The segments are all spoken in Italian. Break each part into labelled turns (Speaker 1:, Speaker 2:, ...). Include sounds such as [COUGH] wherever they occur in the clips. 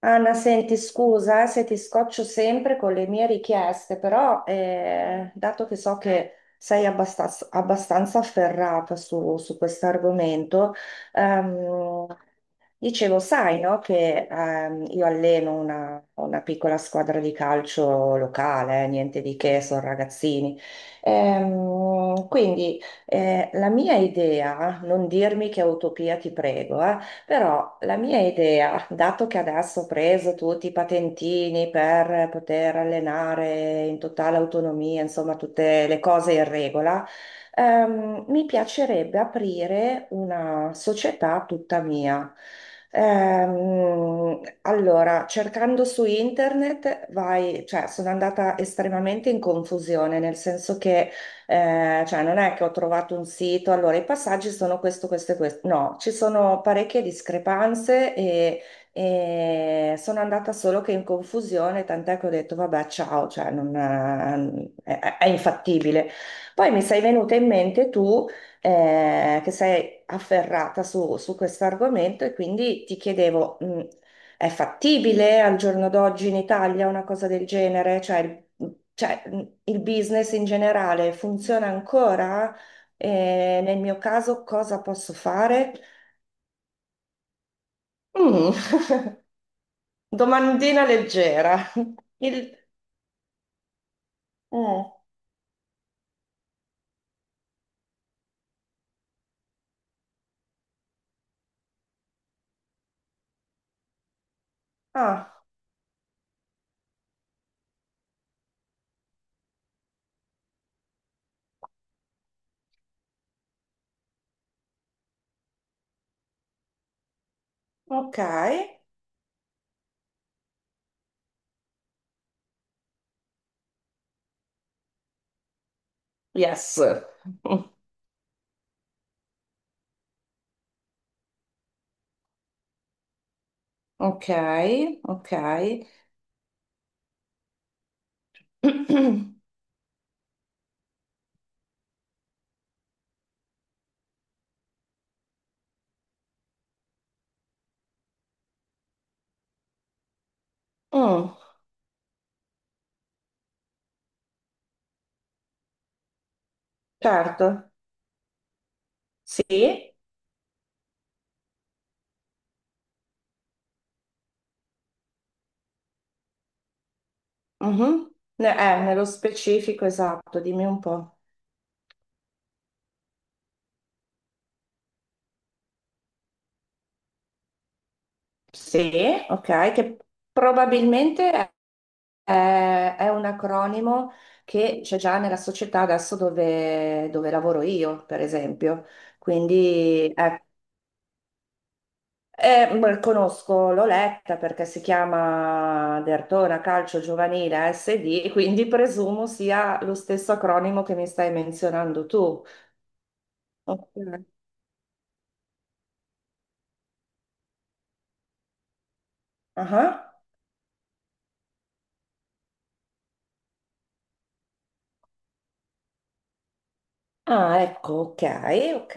Speaker 1: Anna, senti, scusa, se ti scoccio sempre con le mie richieste, però dato che so che sei abbastanza afferrata su, su questo argomento. ehm, Dicevo, sai, no, che io alleno una piccola squadra di calcio locale, niente di che, sono ragazzini. Quindi la mia idea, non dirmi che è utopia, ti prego, però la mia idea, dato che adesso ho preso tutti i patentini per poter allenare in totale autonomia, insomma, tutte le cose in regola. Mi piacerebbe aprire una società tutta mia. Allora, cercando su internet, vai, cioè, sono andata estremamente in confusione, nel senso che, cioè, non è che ho trovato un sito, allora i passaggi sono questo, questo e questo. No, ci sono parecchie discrepanze, e sono andata solo che in confusione, tant'è che ho detto, vabbè, ciao, cioè, non, è infattibile. Poi mi sei venuta in mente tu, che sei afferrata su, su questo argomento e quindi ti chiedevo, è fattibile al giorno d'oggi in Italia una cosa del genere? Cioè, cioè, il business in generale funziona ancora? E nel mio caso cosa posso fare? Mm. [LAUGHS] Domandina leggera. Il... eh, Ah, ok. Yes. Mm, ok, ok. [CLEARS THROAT] Mm, certo, sì, mhm. Nello specifico, esatto, dimmi un po'. Sì, ok, che probabilmente è, è un acronimo che c'è già nella società adesso dove lavoro io, per esempio. Quindi conosco, l'ho letta perché si chiama Dertona Calcio Giovanile SD, quindi presumo sia lo stesso acronimo che mi stai menzionando tu. Ok. Ah. Ah, ecco, ok, ok.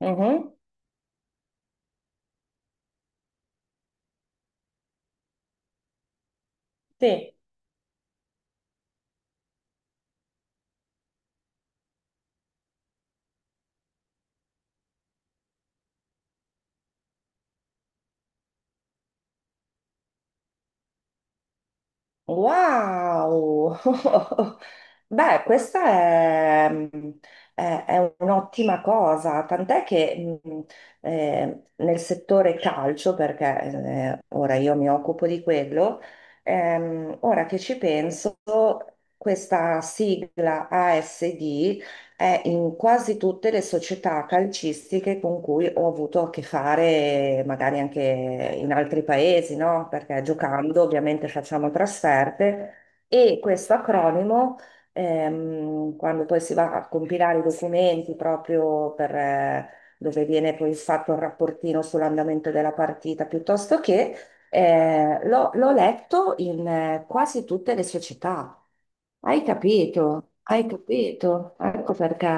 Speaker 1: Mhm. Sì. Wow! [LAUGHS] Beh, questa è un'ottima cosa, tant'è che nel settore calcio, perché ora io mi occupo di quello, ora che ci penso, questa sigla ASD è in quasi tutte le società calcistiche con cui ho avuto a che fare, magari anche in altri paesi, no? Perché giocando ovviamente facciamo trasferte e questo acronimo, quando poi si va a compilare i documenti proprio per, dove viene poi fatto il rapportino sull'andamento della partita, piuttosto che, l'ho letto in quasi tutte le società. Hai capito, ecco perché.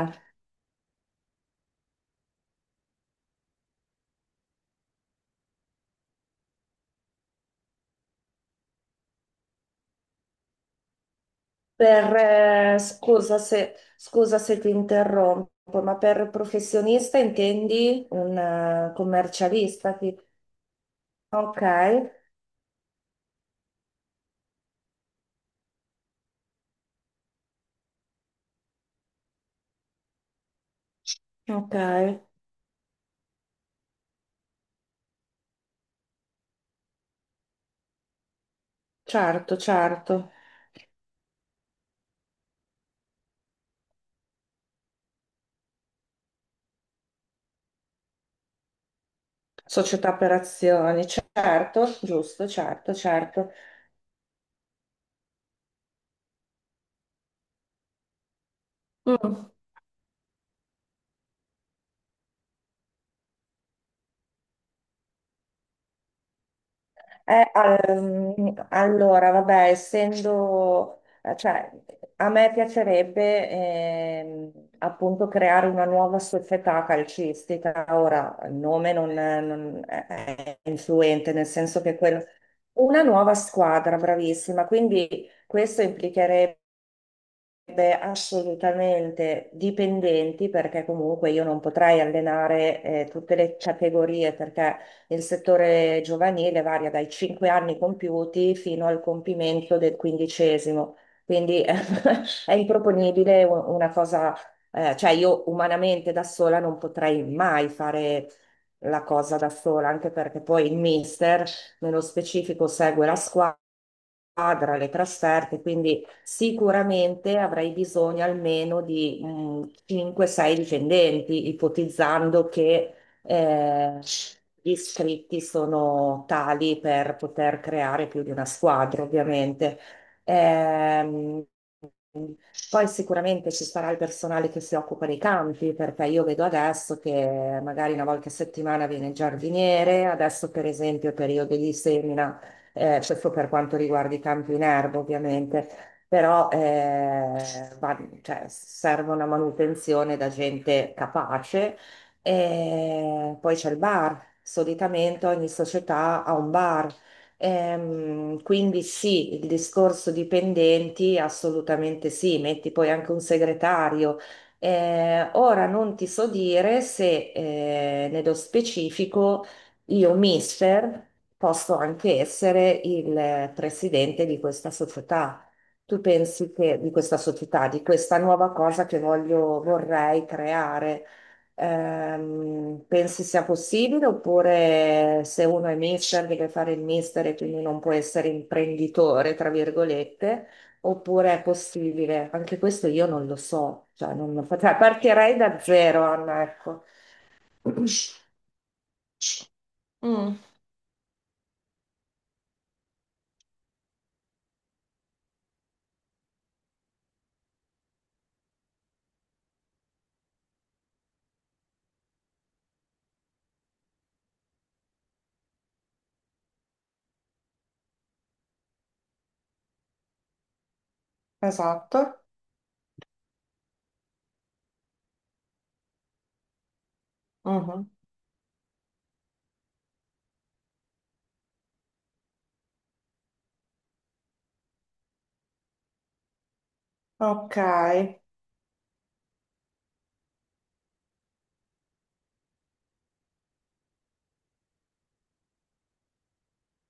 Speaker 1: Scusa se ti interrompo, ma per professionista intendi un commercialista? Ok, ok, certo, certo. Società per azioni, certo, giusto, certo, certo. Mm. Allora, vabbè, essendo, cioè, a me piacerebbe appunto creare una nuova società calcistica. Ora, il nome non è influente, nel senso che quello... Una nuova squadra, bravissima. Quindi questo implicherebbe sarebbe assolutamente dipendenti perché comunque io non potrei allenare tutte le categorie perché il settore giovanile varia dai 5 anni compiuti fino al compimento del quindicesimo, quindi [LAUGHS] è improponibile una cosa, cioè io umanamente da sola non potrei mai fare la cosa da sola, anche perché poi il mister nello specifico segue la squadra, le trasferte, quindi sicuramente avrei bisogno almeno di 5-6 dipendenti, ipotizzando che eh, gli iscritti sono tali per poter creare più di una squadra, ovviamente. Ehm, Poi sicuramente ci sarà il personale che si occupa dei campi, perché io vedo adesso che magari una volta a settimana viene il giardiniere, adesso per esempio è periodo di semina, questo per quanto riguarda i campi in erba ovviamente, però cioè, serve una manutenzione da gente capace. E poi c'è il bar, solitamente ogni società ha un bar. Quindi sì, il discorso dipendenti, assolutamente sì, metti poi anche un segretario. Ora non ti so dire se nello specifico io, mister, posso anche essere il presidente di questa società. Tu pensi che di questa società, di questa nuova cosa che voglio, vorrei creare? Pensi sia possibile oppure se uno è mister deve fare il mister e quindi non può essere imprenditore, tra virgolette, oppure è possibile? Anche questo io non lo so, cioè non partirei da zero, Anna, ecco. Mm, esatto. Mhm. Ok,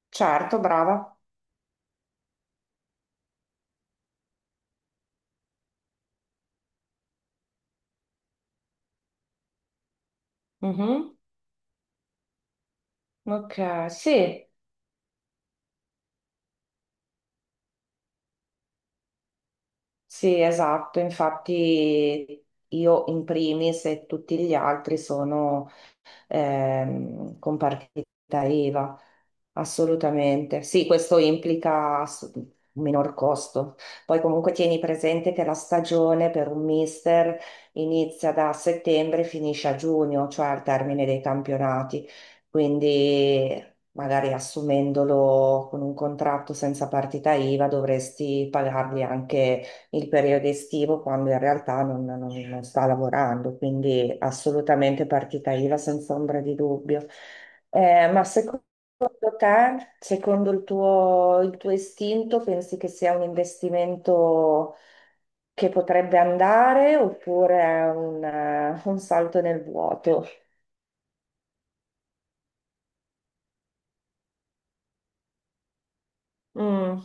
Speaker 1: certo, brava. Mhm. Ok, sì, sì, esatto. Infatti io in primis e tutti gli altri sono, con partita IVA, assolutamente. Sì, questo implica un minor costo. Poi comunque tieni presente che la stagione per un mister inizia da settembre e finisce a giugno, cioè al termine dei campionati. Quindi magari assumendolo con un contratto senza partita IVA dovresti pagargli anche il periodo estivo quando in realtà non sta lavorando, quindi assolutamente partita IVA senza ombra di dubbio. Ma secondo te, secondo il tuo istinto, pensi che sia un investimento che potrebbe andare oppure è un salto nel vuoto? Mm,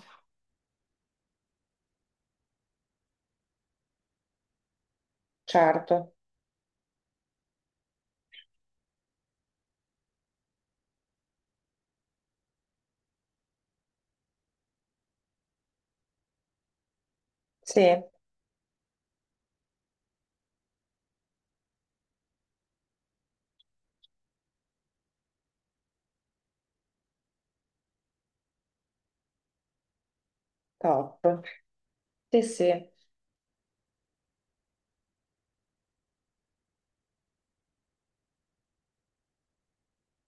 Speaker 1: certo, sì, top. Sì, sì.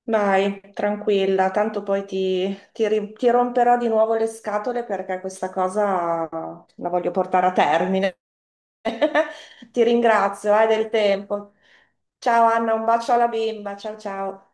Speaker 1: Vai, tranquilla, tanto poi ti romperò di nuovo le scatole perché questa cosa la voglio portare a termine. [LAUGHS] Ti ringrazio, hai del tempo. Ciao Anna, un bacio alla bimba, ciao ciao.